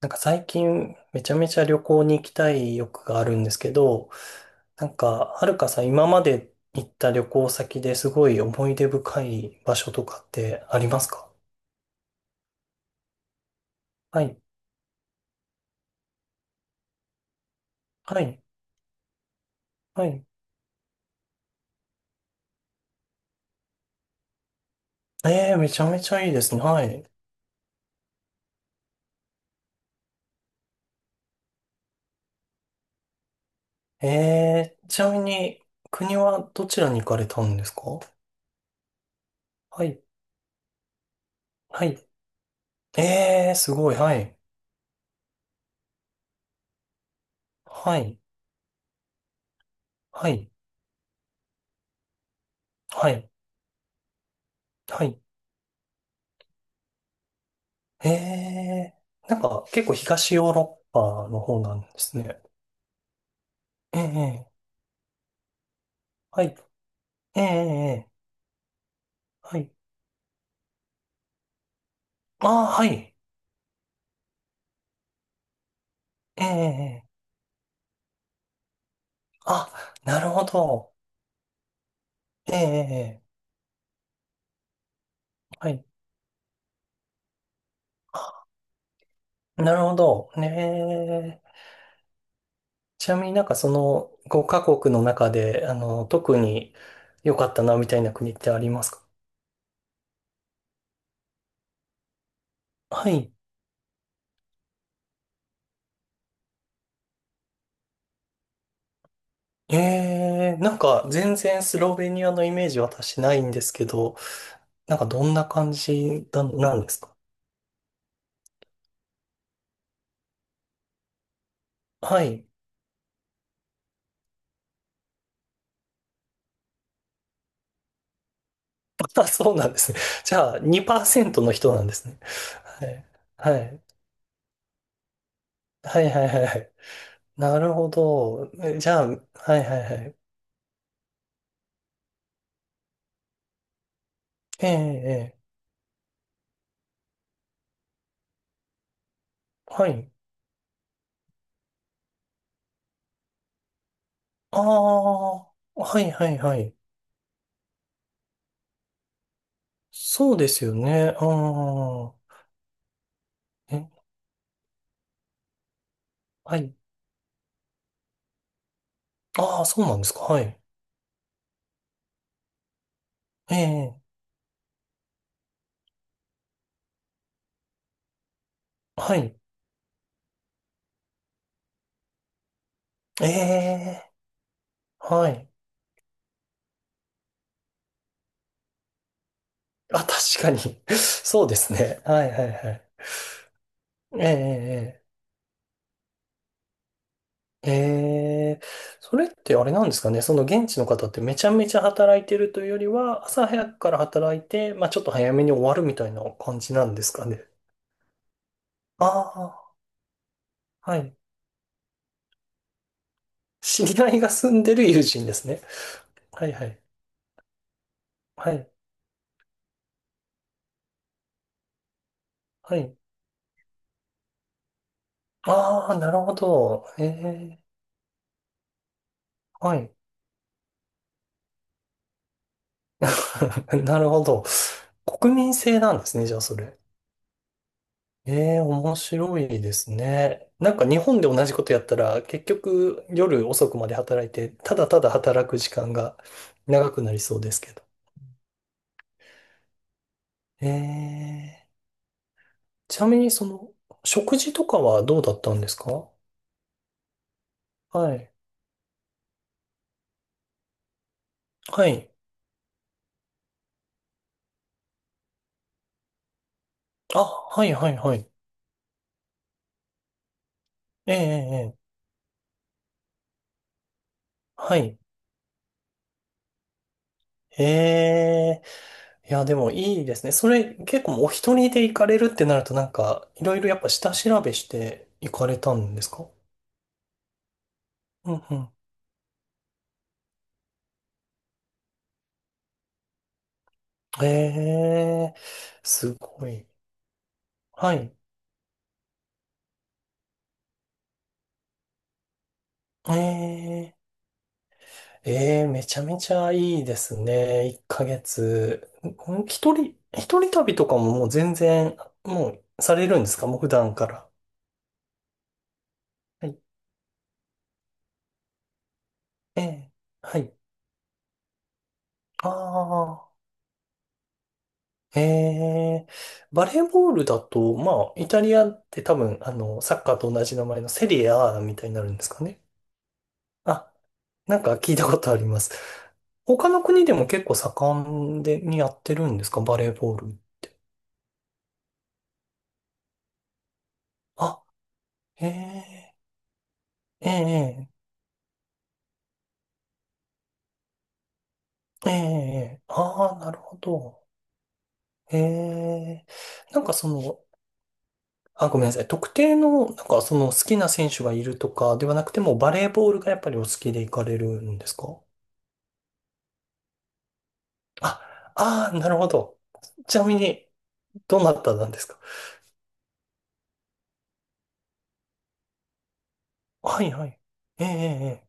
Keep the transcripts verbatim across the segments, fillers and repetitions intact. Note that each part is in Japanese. なんか最近めちゃめちゃ旅行に行きたい欲があるんですけど、なんかはるかさん今まで行った旅行先ですごい思い出深い場所とかってありますか？はい、はい、はい。えーめちゃめちゃいいですね。はい。えーちなみに国はどちらに行かれたんですか？はい、はい。えーすごい、はい。はい、はい、はい、はい。えーなんか結構東ヨーロッパの方なんですね。ええ、ええ、はい。ええ、ええ、はい。ああ、はい。ええ、ええ、あ、なるほど。ええ、ええ、はい。あ、なるほど。ねえ。ちなみになんかそのごカ国の中で、あの、特に良かったなみたいな国ってありますか？はい。ええ、なんか全然スロベニアのイメージ私ないんですけど、なんかどんな感じだなんですか？はい。あ、そうなんですね。じゃあ、にパーセントの人なんですね。はい。はい。はいはいはいはい。なるほど。え、じゃあ、はいはいはい。ええ、ええ。はい。ああ、はいはいはい。そうですよね。ああ、え、はい。ああ、そうなんですか。はい。ええ、はい。ええ、はい。あ、確かに。そうですね。はいはいはい。ええ、ええ。ええ、へえ、それってあれなんですかね、その現地の方ってめちゃめちゃ働いてるというよりは、朝早くから働いて、まあちょっと早めに終わるみたいな感じなんですかね。ああ、はい。知り合いが住んでる友人ですね。はいはい。はい。はい。ああ、なるほど。ええ、はい。なるほど。国民性なんですね、じゃあそれ。ええ、面白いですね。なんか日本で同じことやったら、結局夜遅くまで働いて、ただただ働く時間が長くなりそうですけど。ええ、ちなみにその、食事とかはどうだったんですか？はい。はい。あ、はいはいはい。ええ、ええ、ええ、はい。ええ、いや、でもいいですね。それ結構お一人で行かれるってなると、なんか、いろいろやっぱ下調べして行かれたんですか？うんうん、ええ、すごい。はい。ええ、ええ、めちゃめちゃいいですね。いっかげつ。ん、一人、一人旅とかももう全然、もうされるんですか、もう普段から。はい。ええ、はい。ああ、ええ、バレーボールだと、まあ、イタリアって多分、あの、サッカーと同じ名前のセリエ A みたいになるんですかね。あ、なんか聞いたことあります。他の国でも結構盛んで、にやってるんですかバレーボール。あ、へえ、ええ、ええ、ええ、ああ、なるほど。へえ、なんかその、あ、ごめんなさい。特定の、なんかその好きな選手がいるとかではなくても、バレーボールがやっぱりお好きで行かれるんですか？あ、ああ、なるほど。ちなみに、どなたなんですか？はいはい。ええ、ええ。ええ、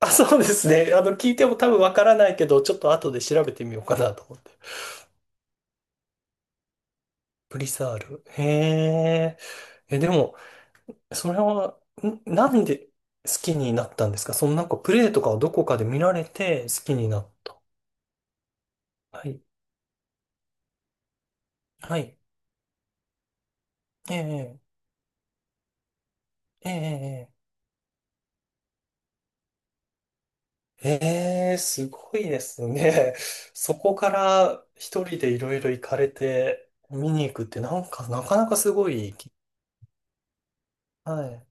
あ、そうですね。あの、聞いても多分わからないけど、ちょっと後で調べてみようかなと思って。プリサール。へえ。え、でも、それは、ん、なんで好きになったんですか、そのなんかプレイとかをどこかで見られて好きになった。はい。はい。ええ、ええ、ええ。ええ、すごいですね。そこから一人でいろいろ行かれて見に行くってなんかなかなかすごい。はい。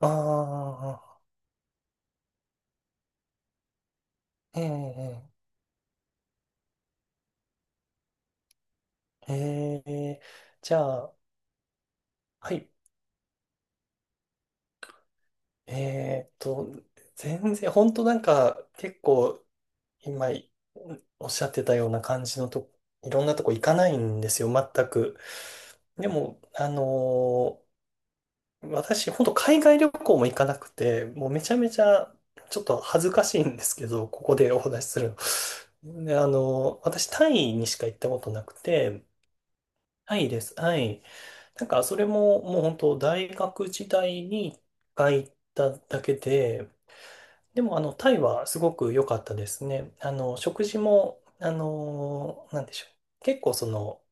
ああ、ええ、ええ。ええ、じゃあ、はい。えーっと、全然、本当なんか、結構、今、おっしゃってたような感じのと、いろんなとこ行かないんですよ、全く。でも、あのー私、本当海外旅行も行かなくて、もうめちゃめちゃ、ちょっと恥ずかしいんですけど、ここで お話しするの。で、あのー私、タイにしか行ったことなくて、タイです。はい。なんか、それも、もう本当、大学時代に一回行っただけで、でも、あの、タイはすごく良かったですね。あの、食事も、あの、なんでしょう。結構その、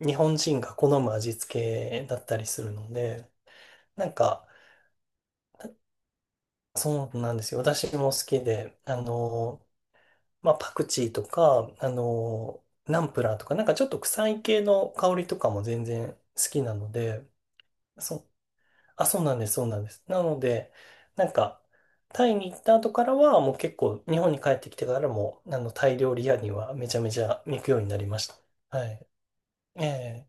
日本人が好む味付けだったりするので、なんか、そうなんですよ。私も好きで、あの、まあ、パクチーとか、あの、ナンプラーとか、なんかちょっと臭い系の香りとかも全然好きなので、そ、あ、そうなんです、そうなんです。なので、なんか、タイに行った後からは、もう結構、日本に帰ってきてからも、あの、タイ料理屋にはめちゃめちゃ行くようになりました。はい。ええ、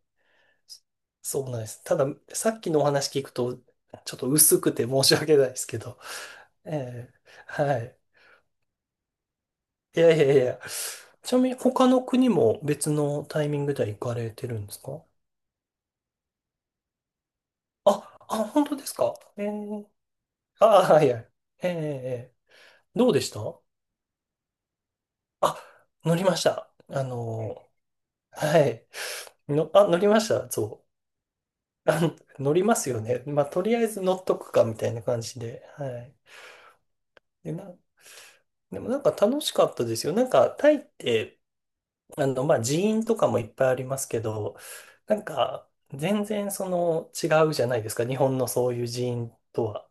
そうなんです。ただ、さっきのお話聞くと、ちょっと薄くて申し訳ないですけど、ええ、はい。いやいやいや。ちなみに、他の国も別のタイミングでは行かれてるんですか？あ、あ、本当ですか？ええ、ああ、はいはい。ええ、ええ、どうでした？あ、乗りました。あの、はい。の、あ、乗りました。そう。あ、乗りますよね。まあ、とりあえず乗っとくか、みたいな感じで。はい。で、な、でもなんか楽しかったですよ。なんか、タイって、あの、まあ、寺院とかもいっぱいありますけど、なんか、全然その、違うじゃないですか。日本のそういう寺院とは。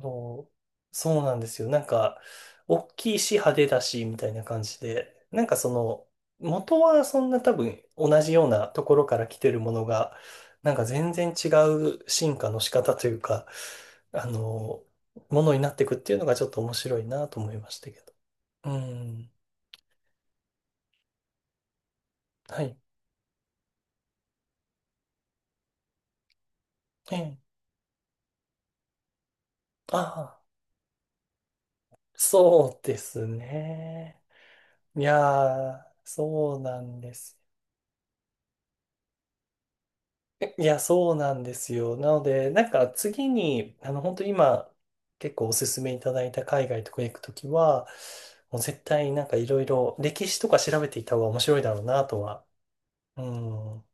そう、そうなんですよ。なんか、大きいし派手だし、みたいな感じで。なんかその、元はそんな多分同じようなところから来てるものが、なんか全然違う進化の仕方というか、あの、ものになっていくっていうのがちょっと面白いなと思いましたけど。うん。はい。ええ。ああ、そうですね。いやー、そうなんです。いや、そうなんですよ。なので、なんか次に、あの、本当今、結構おすすめいただいた海外とか行くときは、もう絶対なんかいろいろ歴史とか調べていた方が面白いだろうなとは。うん。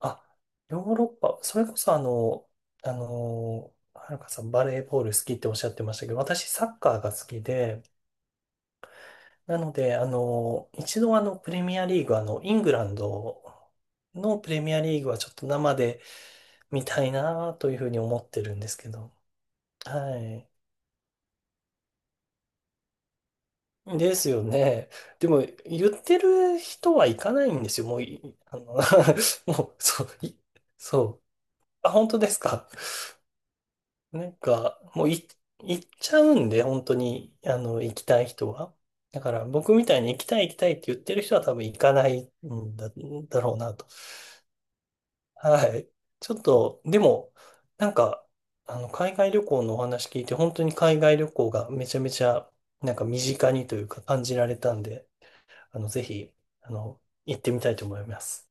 あ、ヨーロッパ、それこそあの、あの、はるかさんバレーボール好きっておっしゃってましたけど、私サッカーが好きで、なので、あの、一度あの、プレミアリーグ、あの、イングランドのプレミアリーグはちょっと生で、みたいなというふうに思ってるんですけど。はい。ですよね。でも、言ってる人は行かないんですよ。もうい、あの、もう、そう、い、そう。あ、本当ですか。なんか、もうい、行っちゃうんで、本当に、あの、行きたい人は。だから、僕みたいに行きたい行きたいって言ってる人は多分行かないんだ、だろうなと。はい。ちょっと、でも、なんか、あの、海外旅行のお話聞いて、本当に海外旅行がめちゃめちゃ、なんか身近にというか感じられたんで、あの、ぜひ、あの、行ってみたいと思います。